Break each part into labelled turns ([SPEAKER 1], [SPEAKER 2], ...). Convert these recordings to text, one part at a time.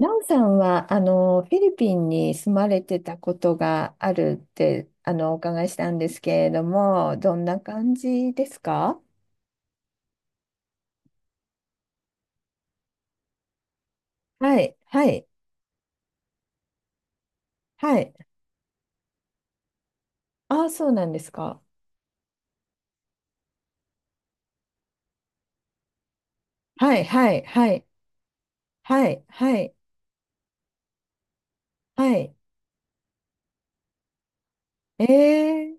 [SPEAKER 1] ラオさんは、フィリピンに住まれてたことがあるって、お伺いしたんですけれども、どんな感じですか？はい、はい、はい。ああ、そうなんですか。はい、はい、はい、はい、はい、はい。ええ、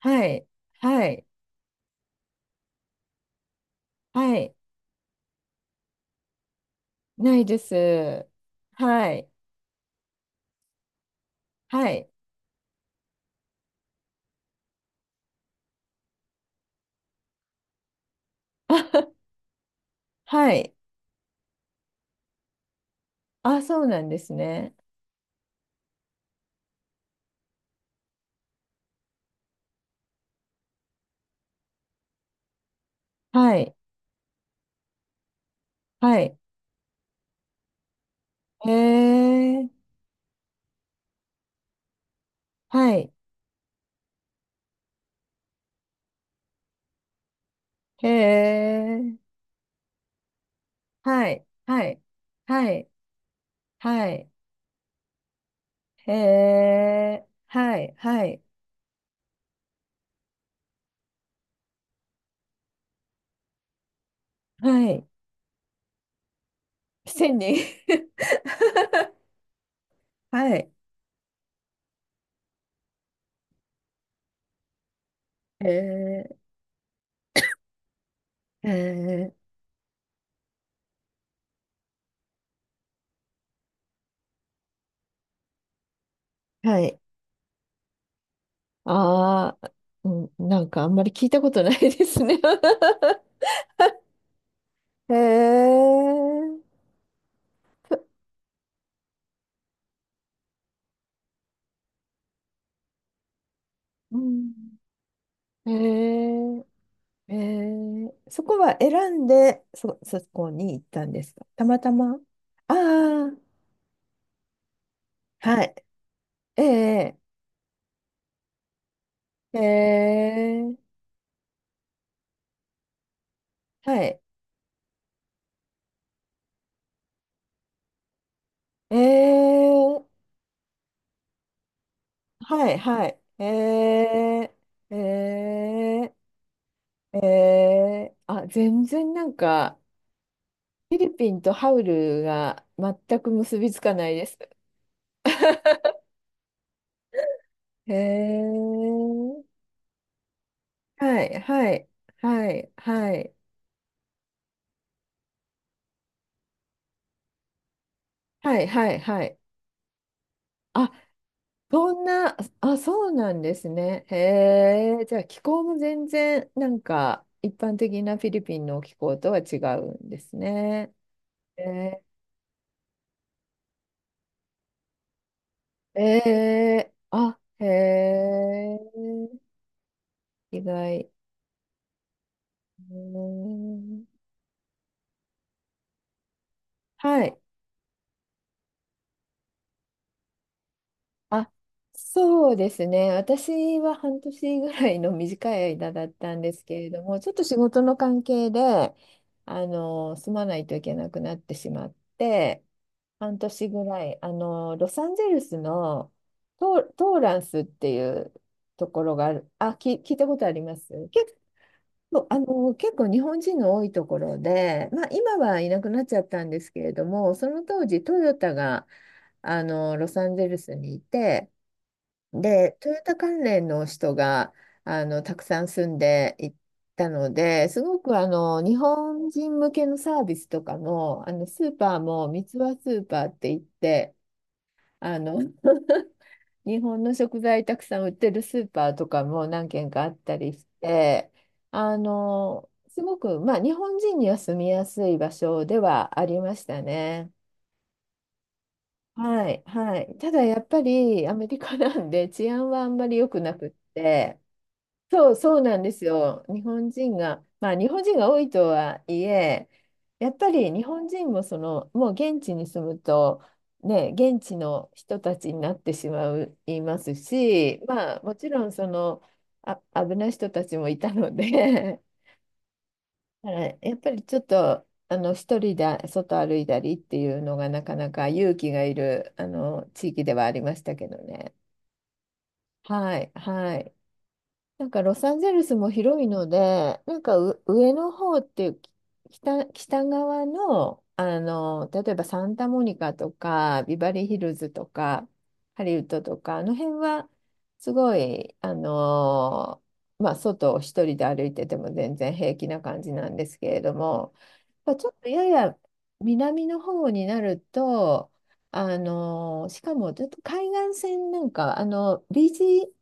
[SPEAKER 1] はい、はい、はい。ないです。はい、はい。はい。あ、そうなんですね。はい、はい。へえ、はい、へえ。はい、はい、はい、はい、へえ、はい、はい、はい、千人 はい、へえ、へえ、はい、ああ、うん、なんかあんまり聞いたことないですね。 へえ、うん、へえ、へえ、そこは選んで、そこに行ったんですか、たまたま。ああ、はい、ええ、ええ、はい。えー、はいはい。えー、えー、えー、あ、全然なんか、フィリピンとハウルが全く結びつかないです。えー、はいはいはいはい、はいはいはい。あ、そんな、あ、そうなんですね。へえー、じゃあ気候も全然なんか、一般的なフィリピンの気候とは違うんですね。へええ、あ、へえ、意外。うん、はい。あ、そうですね。私は半年ぐらいの短い間だったんですけれども、ちょっと仕事の関係で、住まないといけなくなってしまって、半年ぐらい、ロサンゼルスのトーランスっていうところがある。聞いたことあります結、そう、結構日本人の多いところで、まあ、今はいなくなっちゃったんですけれども、その当時トヨタがあのロサンゼルスにいて、でトヨタ関連の人があのたくさん住んでいたので、すごくあの日本人向けのサービスとかも、あのスーパーも三ツ輪スーパーって言って、あの 日本の食材たくさん売ってるスーパーとかも何軒かあったりして、すごく、まあ、日本人には住みやすい場所ではありましたね。はい、はい。ただやっぱりアメリカなんで治安はあんまり良くなくって、そうなんですよ。日本人が、まあ日本人が多いとはいえ、やっぱり日本人もその、もう現地に住むと、ね、現地の人たちになってしまう、いますし、まあもちろんその、あ、危ない人たちもいたので、だからやっぱりちょっと、一人で外歩いたりっていうのがなかなか勇気がいる、地域ではありましたけどね。はい、はい。なんかロサンゼルスも広いので、なんか、う、上の方っていうき、北側の、例えばサンタモニカとか、ビバリーヒルズとか、ハリウッドとか、あの辺は、すごい、あの、まあ、外を一人で歩いてても全然平気な感じなんですけれども、まあ、ちょっとやや南の方になると、あのしかもちょっと海岸線なんかあのビーチ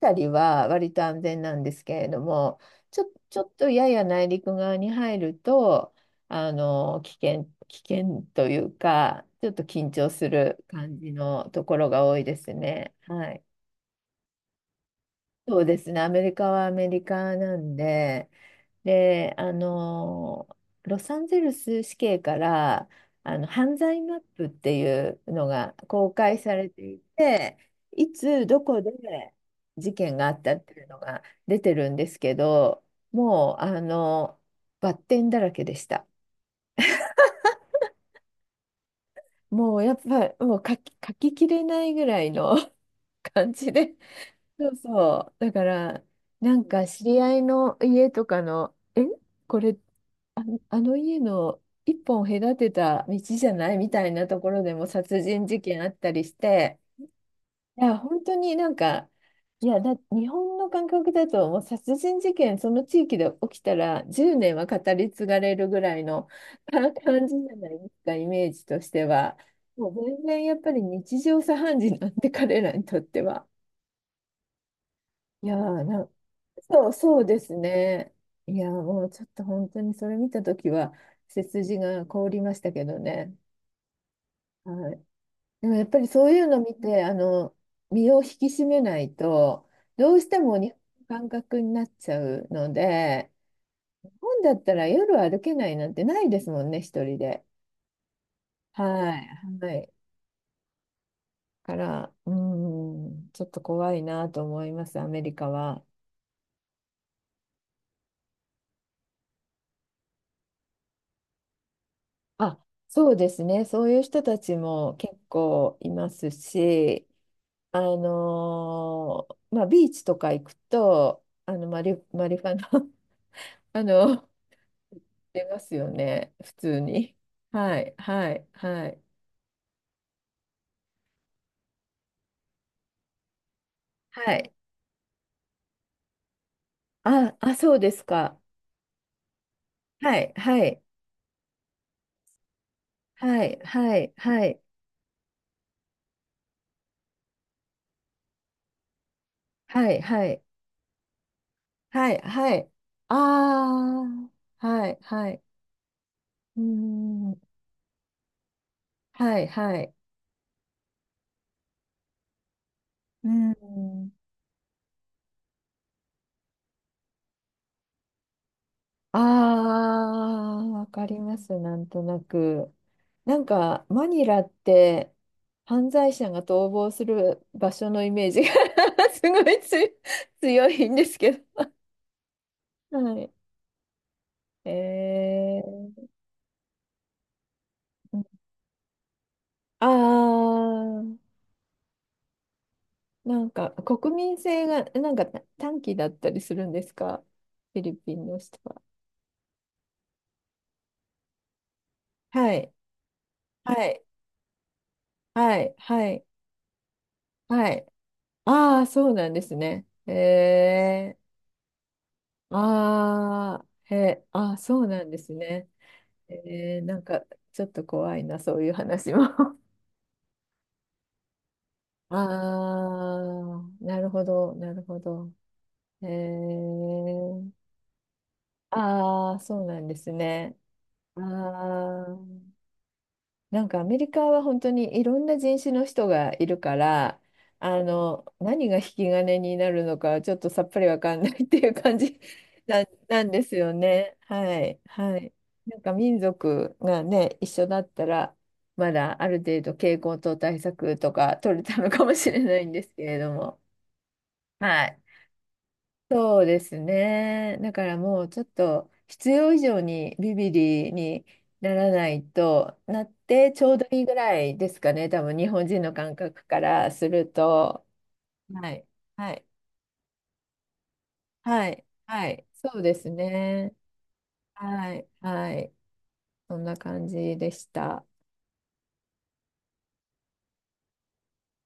[SPEAKER 1] たりは割と安全なんですけれども、ちょっとやや内陸側に入ると、危険というか、ちょっと緊張する感じのところが多いですね。はい。そうですね。アメリカはアメリカなんで、で、ロサンゼルス市警から、犯罪マップっていうのが公開されていて、いつ、どこで事件があったっていうのが出てるんですけど、もう、バッテンだらけでした。もう、やっぱ、もう書き、書ききれないぐらいの 感じで、そうそう。だから、なんか知り合いの家とかの、え、これ、あ、あの家の一本隔てた道じゃないみたいなところでも殺人事件あったりして、いや、本当になんか、いや、だ、日本の感覚だと、もう殺人事件、その地域で起きたら、10年は語り継がれるぐらいの か感じじゃないですか、イメージとしては。もう全然やっぱり日常茶飯事なんで、彼らにとっては。いやーな、そうですね。いやー、もうちょっと本当にそれ見たときは、背筋が凍りましたけどね。はい。でもやっぱりそういうの見て、身を引き締めないと、どうしても日本の感覚になっちゃうので、日本だったら夜歩けないなんてないですもんね、一人で。はい。はい。から、うん、ちょっと怖いなと思います、アメリカは。あ、そうですね。そういう人たちも結構いますし、あのーまあ、ビーチとか行くと、マリファナ あの、出ますよね。普通に。はい、はい、はい。はい。あ、あ、そうですか。はい、はい、はい、はい、はい、はい、はい、はい、はい。ああ、はい、はい。うーん、はい、はい。うーん、あー、わかります、なんとなく。なんか、マニラって、犯罪者が逃亡する場所のイメージが すごいつ強いんですけど。はい。えー、あー、なんか、国民性が、なんか短期だったりするんですか、フィリピンの人は。はい。はい。はい。はい。はい。ああ、そうなんですね。え、ああ、へ、あ、そうなんですね。えー、なんかちょっと怖いな、そういう話も。ああ、なるほど、なるほど。えー、ああ、そうなんですね。ああ。なんかアメリカは本当にいろんな人種の人がいるから、何が引き金になるのかちょっとさっぱりわかんないっていう感じ な、なんですよね。はい。はい。なんか民族がね、一緒だったら、まだある程度傾向と対策とか取れたのかもしれないんですけれども。はい。そうですね。だからもうちょっと必要以上にビビリにならないとなってちょうどいいぐらいですかね。多分日本人の感覚からすると。はい。はい。はい。はい。そうですね。はい。はい。そんな感じでした。